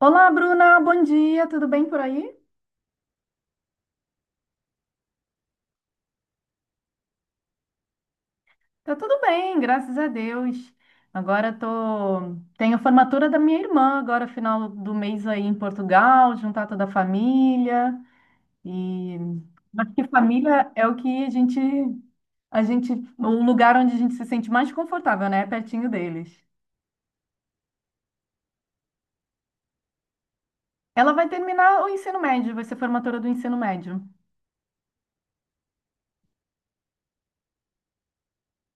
Olá, Bruna, bom dia, tudo bem por aí? Tá tudo bem, graças a Deus. Agora tenho a formatura da minha irmã, agora final do mês aí em Portugal, juntar toda a família e acho que família é a gente o lugar onde a gente se sente mais confortável, né? Pertinho deles. Ela vai terminar o ensino médio, vai ser formatura do ensino médio.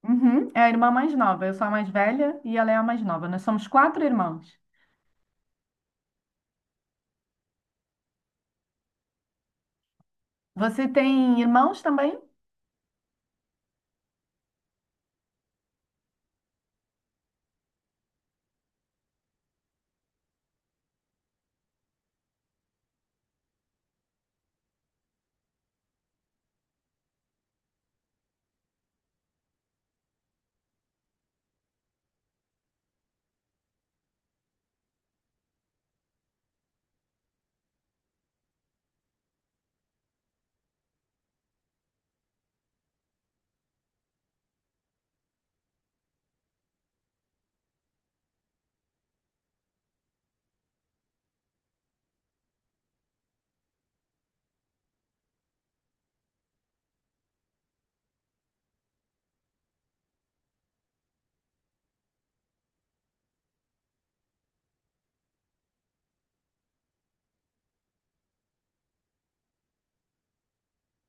Uhum, é a irmã mais nova, eu sou a mais velha e ela é a mais nova. Nós somos quatro irmãos. Você tem irmãos também?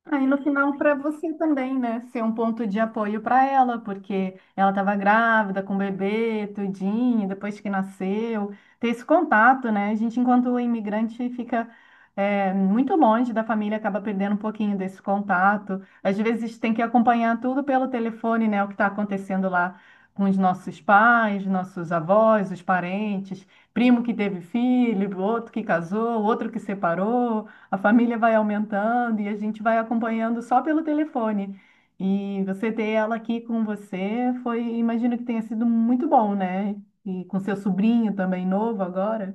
Aí no final para você também, né? Ser um ponto de apoio para ela, porque ela estava grávida com o bebê, tudinho, depois que nasceu, ter esse contato, né? A gente, enquanto imigrante, fica muito longe da família, acaba perdendo um pouquinho desse contato. Às vezes tem que acompanhar tudo pelo telefone, né? O que está acontecendo lá com os nossos pais, nossos avós, os parentes, primo que teve filho, outro que casou, outro que separou. A família vai aumentando e a gente vai acompanhando só pelo telefone. E você ter ela aqui com você foi, imagino que tenha sido muito bom, né? E com seu sobrinho também novo agora.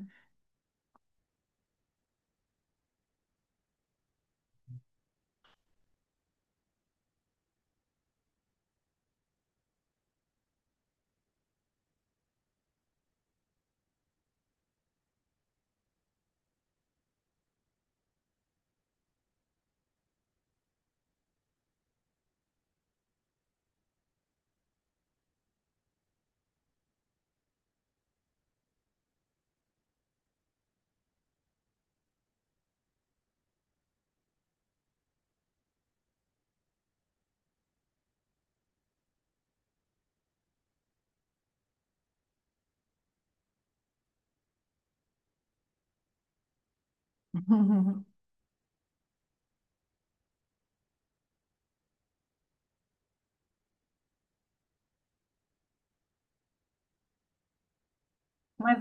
Mas,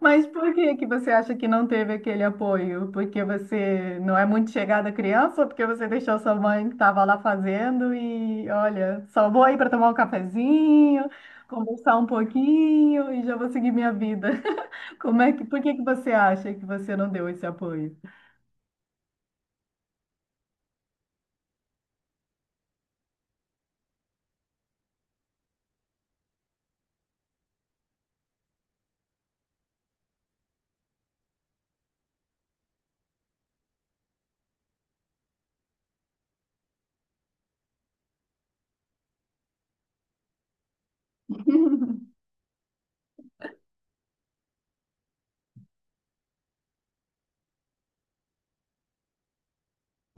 mas por que que você acha que não teve aquele apoio? Porque você não é muito chegada à criança, ou porque você deixou sua mãe que estava lá fazendo e, olha, só vou aí para tomar um cafezinho, conversar um pouquinho e já vou seguir minha vida. Como é que, por que que você acha que você não deu esse apoio?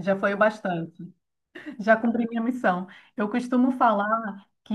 Já foi o bastante. Já cumpri minha missão. Eu costumo falar que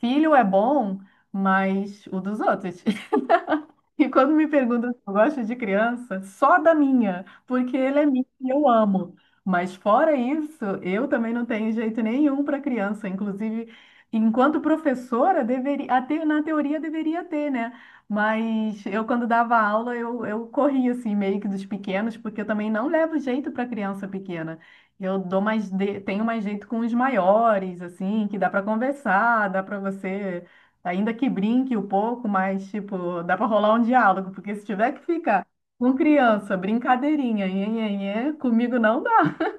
filho é bom, mas o dos outros. E quando me perguntam se eu gosto de criança, só da minha, porque ele é minha e eu amo. Mas fora isso, eu também não tenho jeito nenhum para criança. Inclusive, enquanto professora, deveria, até na teoria deveria ter, né? Mas eu, quando dava aula, eu corria assim, meio que dos pequenos, porque eu também não levo jeito para criança pequena. Eu dou tenho mais jeito com os maiores, assim, que dá para conversar, dá para você ainda que brinque um pouco, mas, tipo, dá pra rolar um diálogo, porque se tiver que ficar com criança, brincadeirinha, nhenhenhê, comigo não dá.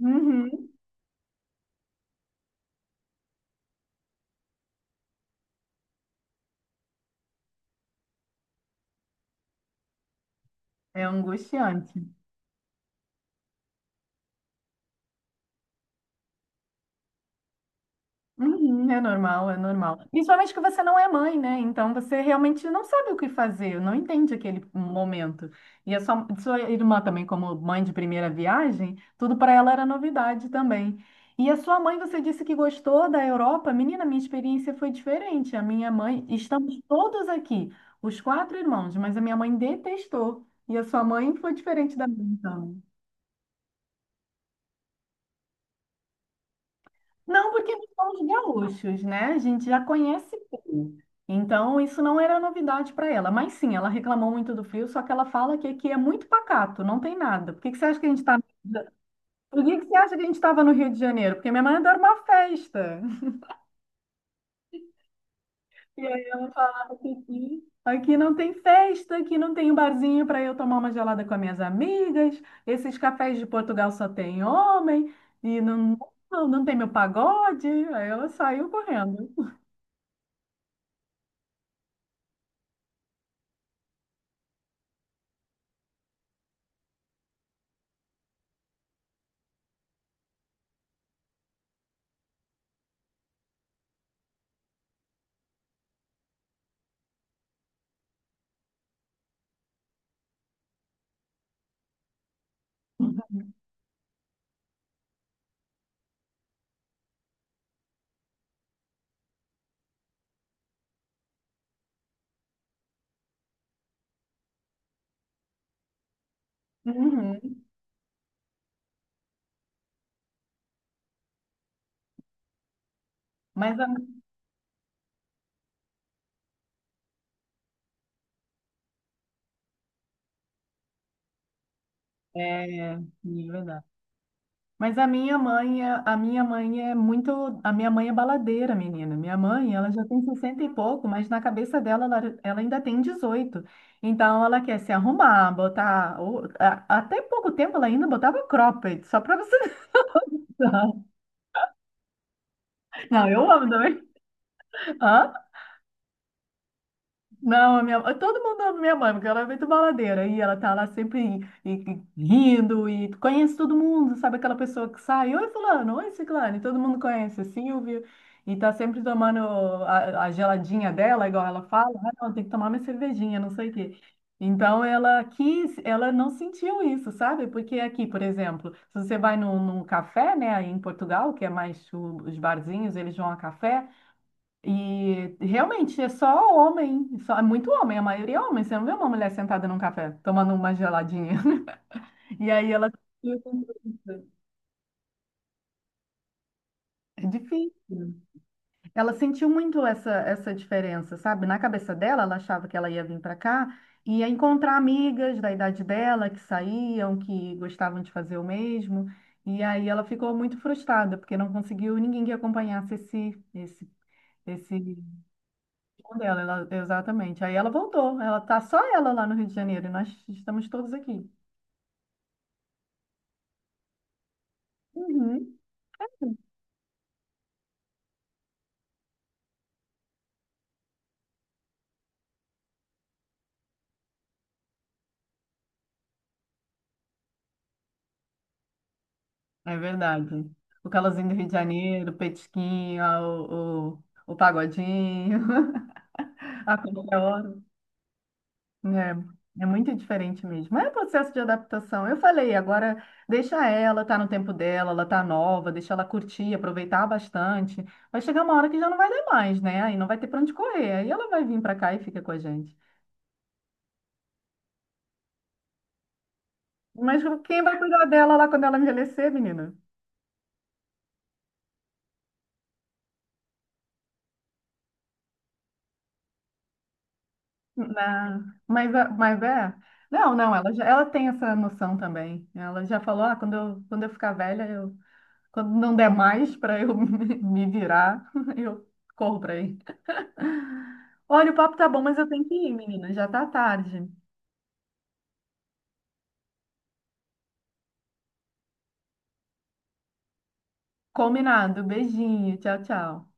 Uhum. É angustiante. Uhum, é normal, é normal. Principalmente que você não é mãe, né? Então você realmente não sabe o que fazer, não entende aquele momento. E a sua, sua irmã também, como mãe de primeira viagem, tudo para ela era novidade também. E a sua mãe, você disse que gostou da Europa. Menina, minha experiência foi diferente. A minha mãe, estamos todos aqui, os quatro irmãos, mas a minha mãe detestou. E a sua mãe foi diferente da minha, então. Não, porque nós somos gaúchos, né? A gente já conhece bem. Então, isso não era novidade para ela. Mas sim, ela reclamou muito do frio, só que ela fala que aqui é muito pacato, não tem nada. Por que que você acha que a gente está... Por que que você acha que a gente estava no Rio de Janeiro? Porque minha mãe adora uma festa. E aí ela falava que aqui, aqui não tem festa, aqui não tem um barzinho para eu tomar uma gelada com as minhas amigas. Esses cafés de Portugal só tem homem. E não, não, não tem meu pagode. Aí ela saiu correndo. Uhum. Mas a, é verdade. Mas a minha mãe, a minha mãe é baladeira, menina. Minha mãe, ela já tem 60 e pouco, mas na cabeça dela ela ainda tem 18. Então ela quer se arrumar, botar, até pouco tempo ela ainda botava cropped, só para você ver. Não, eu amo também. Não, a minha, todo mundo ama minha mãe, porque ela é muito baladeira. E ela tá lá sempre e rindo e conhece todo mundo, sabe aquela pessoa que sai, oi fulano, oi ciclano, e todo mundo conhece, é Silvio. E tá sempre tomando a geladinha dela, igual ela fala, ah, não, tem que tomar minha cervejinha, não sei o quê. Então ela quis, ela não sentiu isso, sabe? Porque aqui, por exemplo, se você vai num café, né, aí em Portugal, que é mais os barzinhos, eles vão a café. E realmente é só homem, só, é muito homem, a maioria é homem. Você não vê uma mulher sentada num café tomando uma geladinha. E aí ela sentiu muito. É difícil. Ela sentiu muito essa diferença, sabe? Na cabeça dela, ela achava que ela ia vir para cá e ia encontrar amigas da idade dela que saíam, que gostavam de fazer o mesmo. E aí ela ficou muito frustrada, porque não conseguiu ninguém que acompanhasse esse dela, exatamente. Aí ela voltou. Ela tá só ela lá no Rio de Janeiro e nós estamos todos aqui. Uhum. É verdade. O calorzinho do Rio de Janeiro, o petisquinho, o pagodinho, a comida hora. É muito diferente mesmo. Mas é processo de adaptação. Eu falei, agora deixa ela, tá no tempo dela, ela tá nova, deixa ela curtir, aproveitar bastante. Vai chegar uma hora que já não vai dar mais, né? Aí não vai ter pra onde correr. Aí ela vai vir pra cá e fica com a gente. Mas quem vai cuidar dela lá quando ela envelhecer, menina? Não, mas, mas é. Não, não, ela, já, ela tem essa noção também. Ela já falou: ah, quando eu, ficar velha, quando não der mais para eu me virar, eu corro para aí. Olha, o papo tá bom, mas eu tenho que ir, menina. Já tá tarde. Combinado. Beijinho. Tchau, tchau.